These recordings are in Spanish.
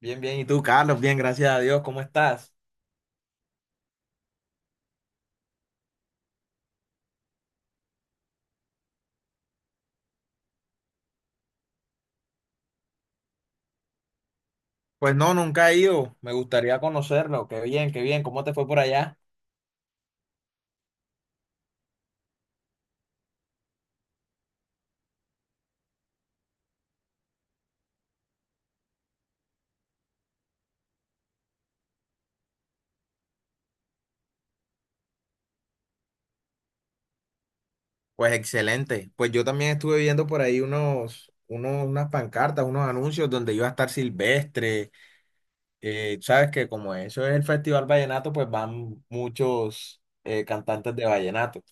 Bien, bien. ¿Y tú, Carlos? Bien, gracias a Dios. ¿Cómo estás? Pues no, nunca he ido. Me gustaría conocerlo. Qué bien, qué bien. ¿Cómo te fue por allá? Pues excelente. Pues yo también estuve viendo por ahí unas pancartas, unos anuncios donde iba a estar Silvestre. Sabes que como eso es el Festival Vallenato, pues van muchos cantantes de vallenato.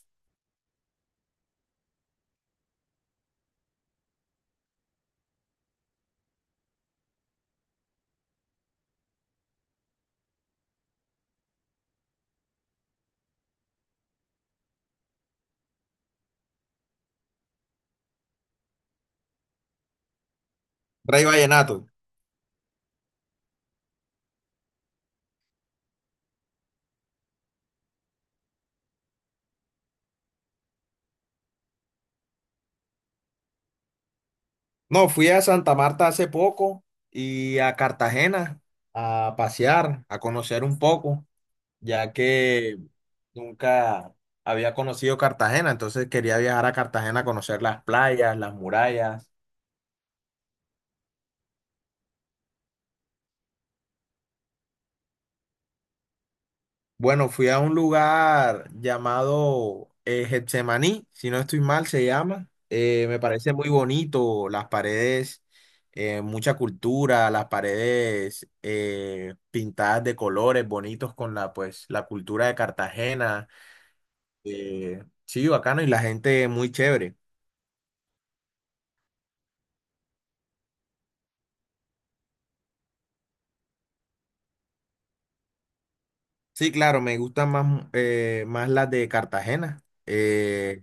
Rey Vallenato. No, fui a Santa Marta hace poco y a Cartagena a pasear, a conocer un poco, ya que nunca había conocido Cartagena, entonces quería viajar a Cartagena a conocer las playas, las murallas. Bueno, fui a un lugar llamado Getsemaní, si no estoy mal, se llama. Me parece muy bonito, las paredes, mucha cultura, las paredes pintadas de colores bonitos con pues, la cultura de Cartagena. Sí, bacano, y la gente muy chévere. Sí, claro, me gustan más, más las de Cartagena.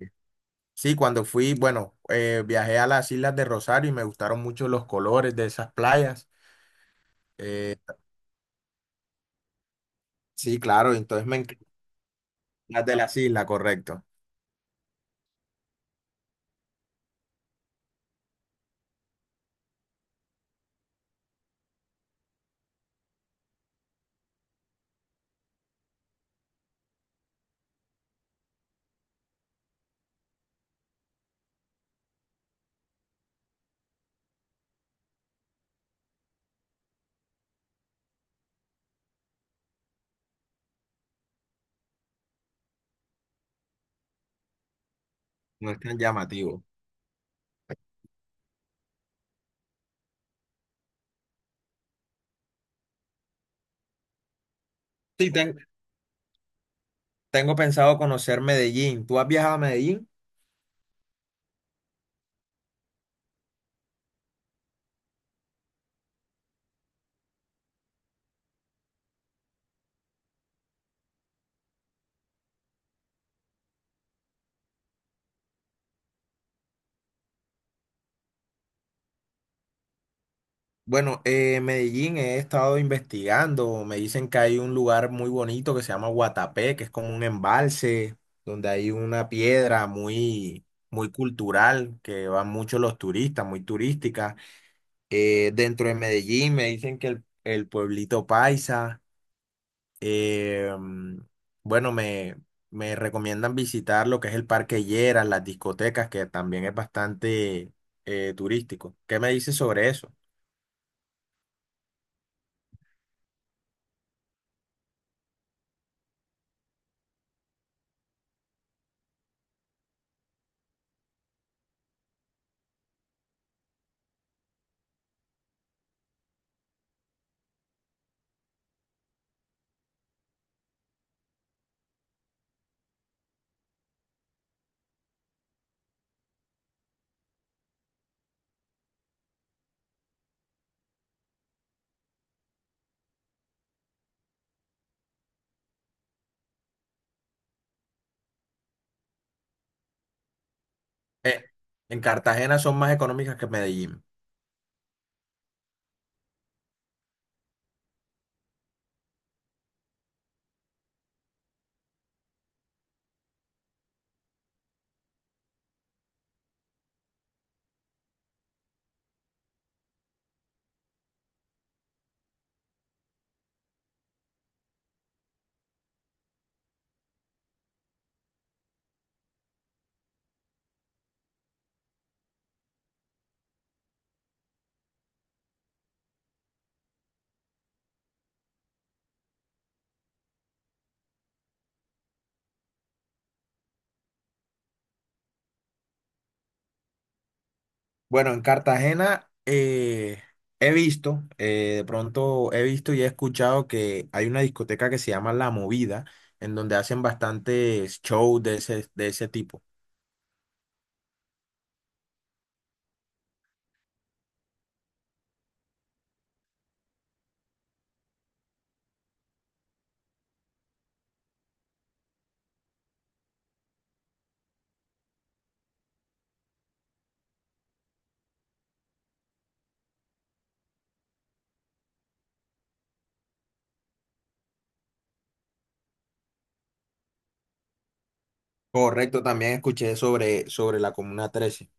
Sí, cuando fui, bueno, viajé a las Islas de Rosario y me gustaron mucho los colores de esas playas. Eh, sí, claro, entonces me encantan las de las islas, correcto. No es tan llamativo. Sí, tengo pensado conocer Medellín. ¿Tú has viajado a Medellín? Bueno, Medellín he estado investigando. Me dicen que hay un lugar muy bonito que se llama Guatapé, que es como un embalse donde hay una piedra muy, muy cultural que van muchos los turistas, muy turística. Dentro de Medellín me dicen que el pueblito Paisa. eh, mm, bueno, me recomiendan visitar lo que es el Parque Lleras, las discotecas, que también es bastante turístico. ¿Qué me dices sobre eso? Eh, en Cartagena son más económicas que en Medellín. Bueno, en Cartagena he visto, de pronto he visto y he escuchado que hay una discoteca que se llama La Movida, en donde hacen bastantes shows de de ese tipo. Correcto, también escuché sobre la Comuna 13.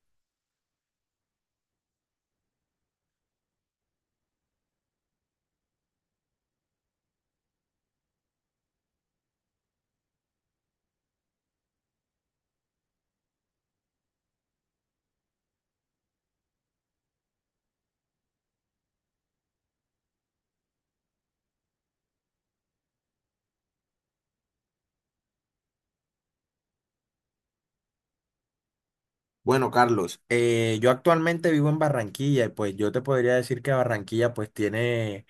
Bueno, Carlos, yo actualmente vivo en Barranquilla y pues yo te podría decir que Barranquilla pues tiene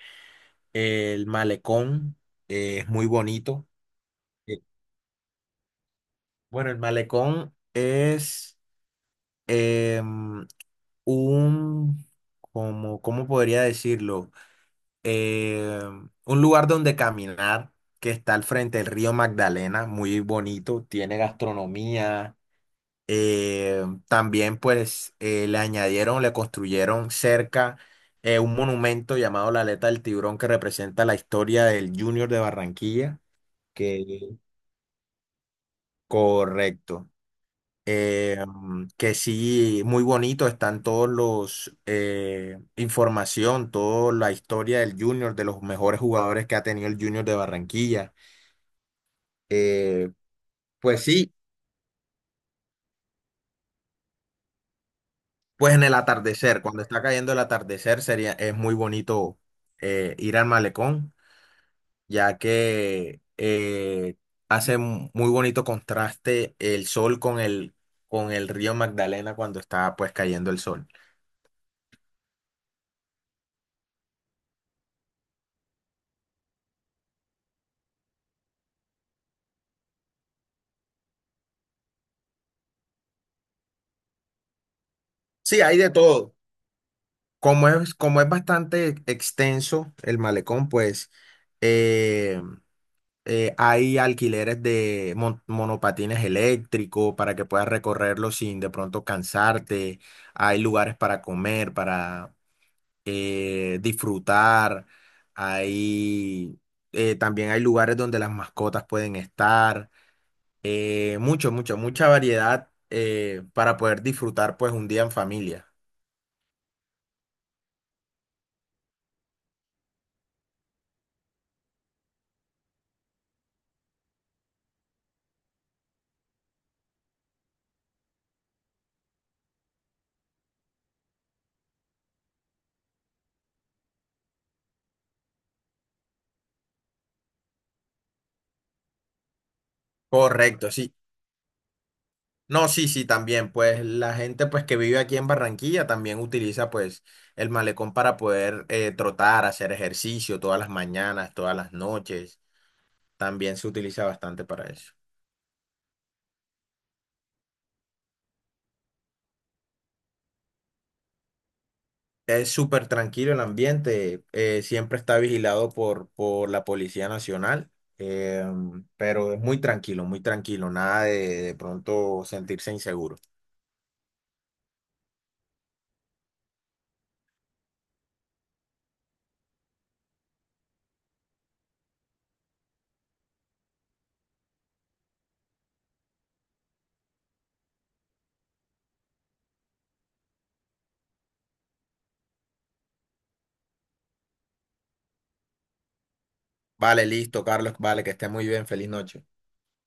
el malecón, es muy bonito. Eh, Bueno, el malecón es… em, un, ¿cómo podría decirlo? Un lugar donde caminar que está al frente del río Magdalena, muy bonito, tiene gastronomía. También pues le añadieron, le construyeron cerca un monumento llamado la Aleta del Tiburón que representa la historia del Junior de Barranquilla, que correcto. Que sí, muy bonito están todos los información, toda la historia del Junior, de los mejores jugadores que ha tenido el Junior de Barranquilla. Eh, pues sí, pues en el atardecer, cuando está cayendo el atardecer, sería, es muy bonito ir al malecón, ya que hace muy bonito contraste el sol con con el río Magdalena cuando está pues cayendo el sol. Sí, hay de todo. Como es bastante extenso el malecón, pues eh, hay alquileres de monopatines eléctricos para que puedas recorrerlo sin de pronto cansarte. Hay lugares para comer, para disfrutar. Hay, También hay lugares donde las mascotas pueden estar. Eh, mucha variedad para poder disfrutar pues un día en familia. Correcto, sí. No, sí, sí, también, pues la gente pues que vive aquí en Barranquilla también utiliza pues el malecón para poder trotar, hacer ejercicio todas las mañanas, todas las noches, también se utiliza bastante para eso. Es súper tranquilo el ambiente, siempre está vigilado por la Policía Nacional, eh, pero es muy tranquilo, nada de de pronto sentirse inseguro. Vale, listo, Carlos, vale, que esté muy bien, feliz noche.